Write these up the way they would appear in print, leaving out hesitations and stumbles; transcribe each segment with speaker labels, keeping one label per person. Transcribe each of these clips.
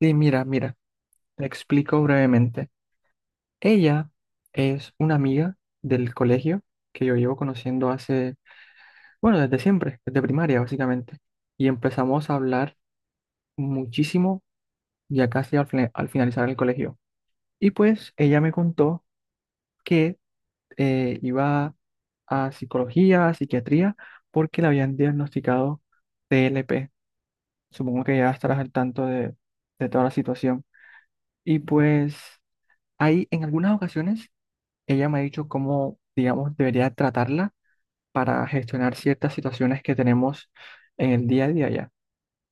Speaker 1: Sí, mira, mira, te explico brevemente. Ella es una amiga del colegio que yo llevo conociendo hace, bueno, desde siempre, desde primaria básicamente. Y empezamos a hablar muchísimo ya casi al finalizar el colegio. Y pues ella me contó que iba a psicología, a psiquiatría, porque le habían diagnosticado TLP. Supongo que ya estarás al tanto de toda la situación. Y pues ahí en algunas ocasiones ella me ha dicho cómo, digamos, debería tratarla para gestionar ciertas situaciones que tenemos en el día a día ya.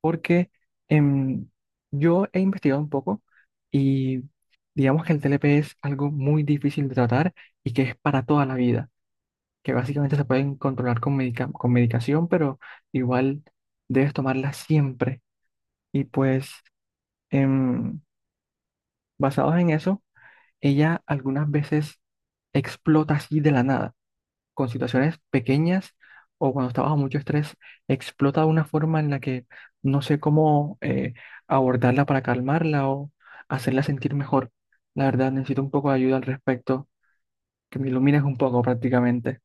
Speaker 1: Porque em, yo he investigado un poco y digamos que el TLP es algo muy difícil de tratar y que es para toda la vida, que básicamente se pueden controlar con medicación, pero igual debes tomarla siempre. Y pues, em, basados en eso, ella algunas veces explota así de la nada, con situaciones pequeñas o cuando está bajo mucho estrés, explota de una forma en la que no sé cómo abordarla para calmarla o hacerla sentir mejor. La verdad, necesito un poco de ayuda al respecto, que me ilumines un poco prácticamente.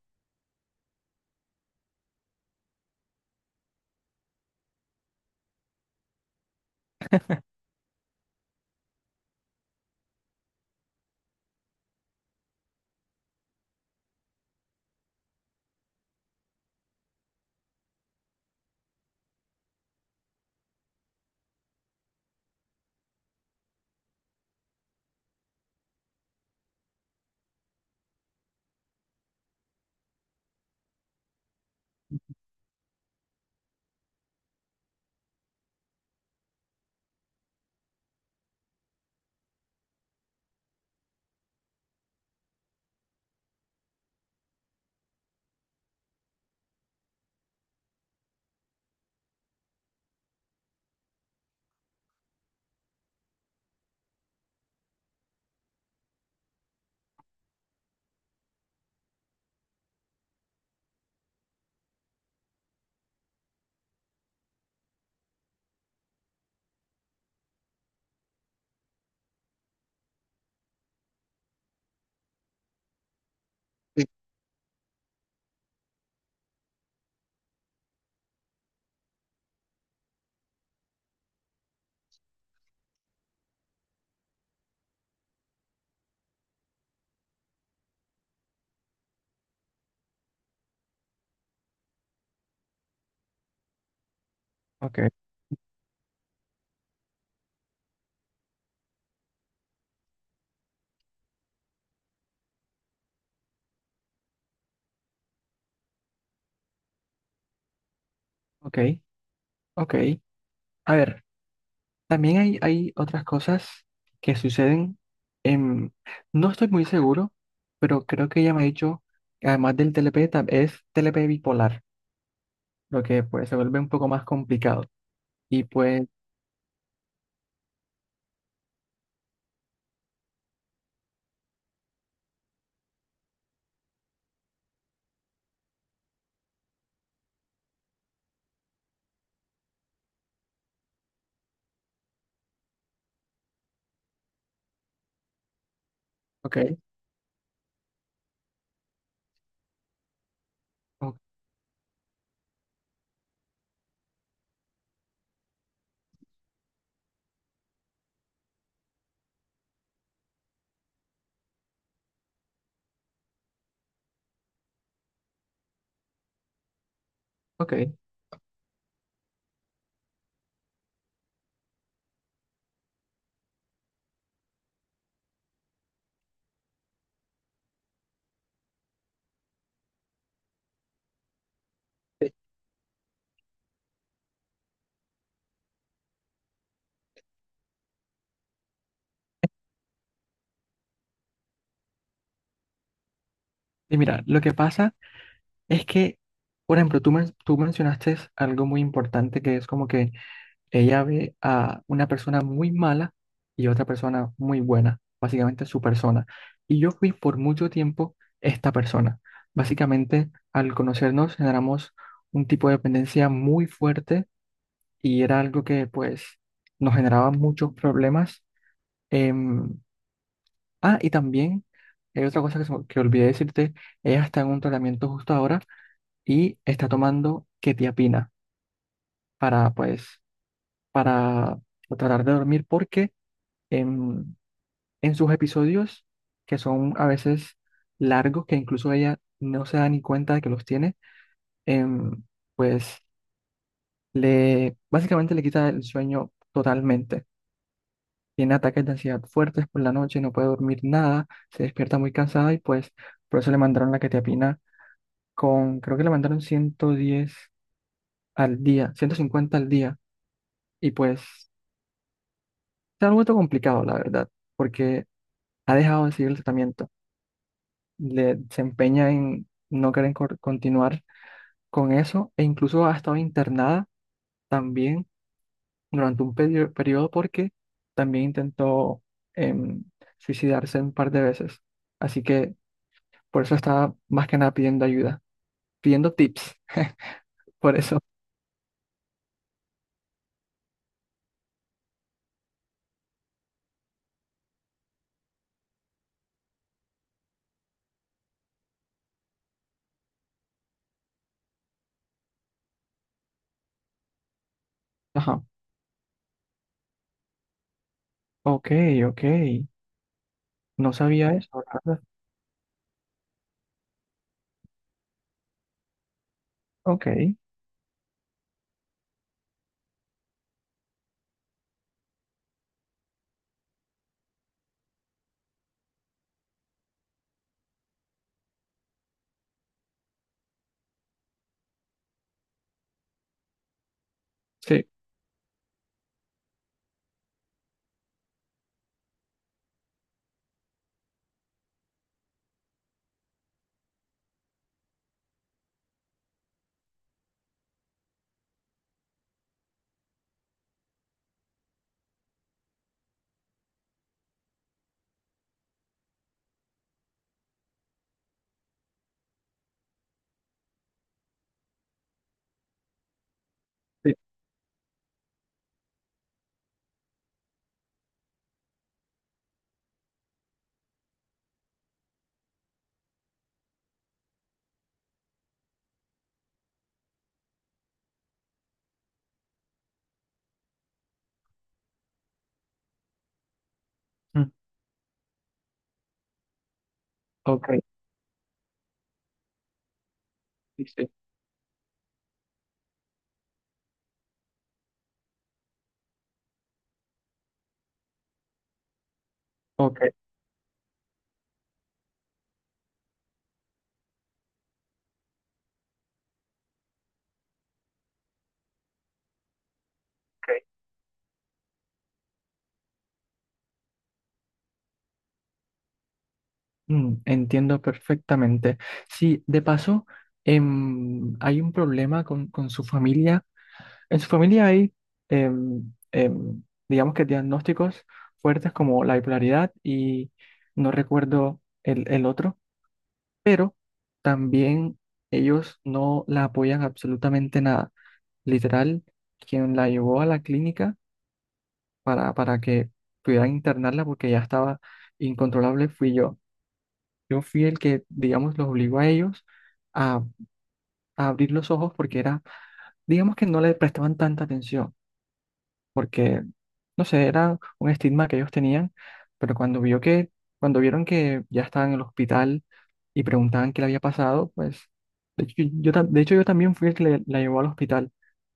Speaker 1: Ok. Ok, ok. A ver, también hay otras cosas que suceden en... No estoy muy seguro, pero creo que ella me ha dicho que además del TLP, es TLP bipolar, lo que pues se vuelve un poco más complicado. Y pues. Ok, o- ok. Eh, Y mira, lo que pasa es que, por ejemplo, tú mencionaste algo muy importante que es como que ella ve a una persona muy mala y otra persona muy buena, básicamente su persona. Y yo fui por mucho tiempo esta persona. Básicamente, al conocernos, generamos un tipo de dependencia muy fuerte y era algo que, pues, nos generaba muchos problemas. em, Ah, y también hay otra cosa que olvidé decirte, ella está en un tratamiento justo ahora y está tomando quetiapina para, pues, para tratar de dormir porque en, en sus episodios, que son a veces largos, que incluso ella no se da ni cuenta de que los tiene, em, pues le, básicamente le quita el sueño totalmente. Tiene ataques de ansiedad fuertes por la noche, no puede dormir nada, se despierta muy cansada y pues por eso le mandaron la quetiapina creo que le mandaron 110 al día, 150 al día, y pues se ha vuelto complicado, la verdad, porque ha dejado de seguir el tratamiento, se empeña en no querer continuar con eso, e incluso ha estado internada también durante un periodo porque también intentó em, suicidarse un par de veces, así que por eso estaba más que nada pidiendo ayuda, pidiendo tips, por eso. Ajá, ok, ok. No sabía eso. Ok, sí, sí, mm, ok, sí, sí, ok, ok. Mm, entiendo perfectamente. Sí, de paso, hay un problema con su familia. En su familia hay, digamos que diagnósticos fuertes como la bipolaridad y no recuerdo el otro, pero también ellos no la apoyan absolutamente nada. Literal, quien la llevó a la clínica, para que pudieran internarla porque ya estaba incontrolable, fui yo. Yo fui el que, digamos, los obligó a ellos a, a abrir los ojos porque era, digamos que no le prestaban tanta atención, porque, no sé, era un estigma que ellos tenían, pero cuando vio que, cuando vieron que ya estaban en el hospital y preguntaban qué le había pasado, pues, de hecho, yo también fui el que la llevó al hospital.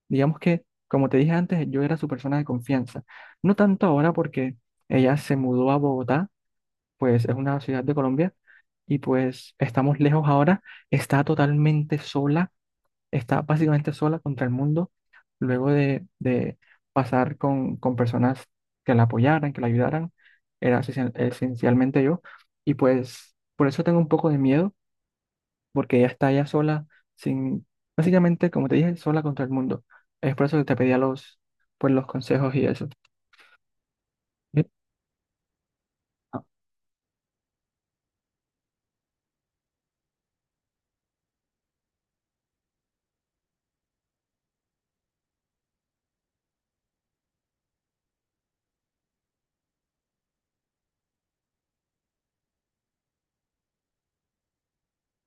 Speaker 1: Digamos que, como te dije antes, yo era su persona de confianza. No tanto ahora porque ella se mudó a Bogotá, pues es una ciudad de Colombia, y pues estamos lejos ahora, está totalmente sola, está básicamente sola contra el mundo, luego de pasar con personas que la apoyaran, que la ayudaran, era esencialmente yo, y pues por eso tengo un poco de miedo, porque ella está ya sola, sin, básicamente, como te dije, sola contra el mundo. Es por eso que te pedía los, pues, los consejos y eso. Sí. Ah,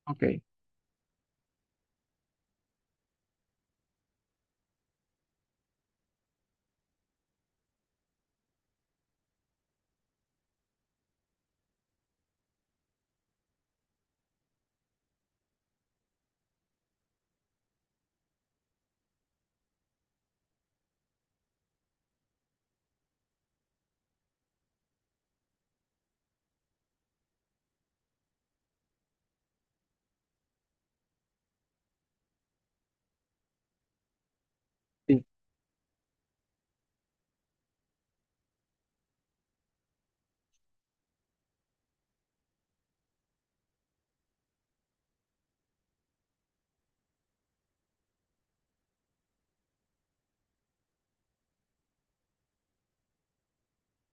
Speaker 1: ok, sí,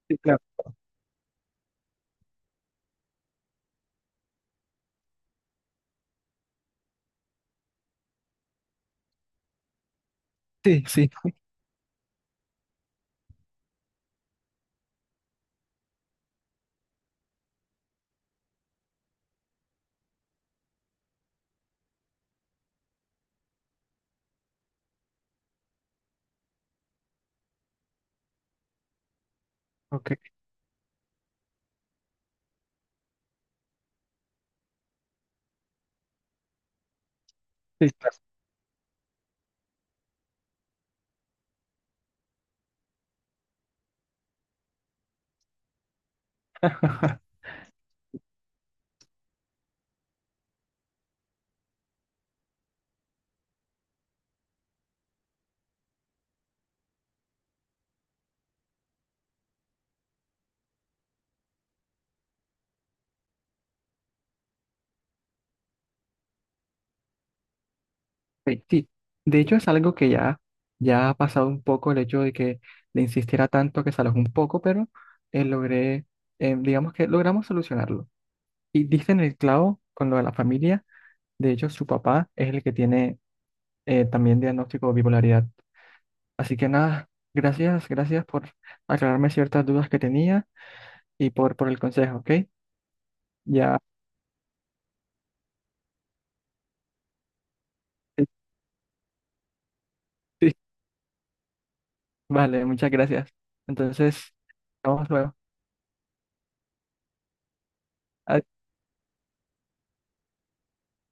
Speaker 1: sí, claro. Sí, sí, ok, sí, claro. Sí, sí. De hecho es algo que ya, ya ha pasado un poco el hecho de que le insistiera tanto que se alojó un poco, pero logré, digamos que logramos solucionarlo. Y diste en el clavo con lo de la familia, de hecho su papá es el que tiene también diagnóstico de bipolaridad. Así que nada, gracias, gracias por aclararme ciertas dudas que tenía y por, el consejo, ¿ok? Ya, sí, vale, muchas gracias. Entonces, vamos luego.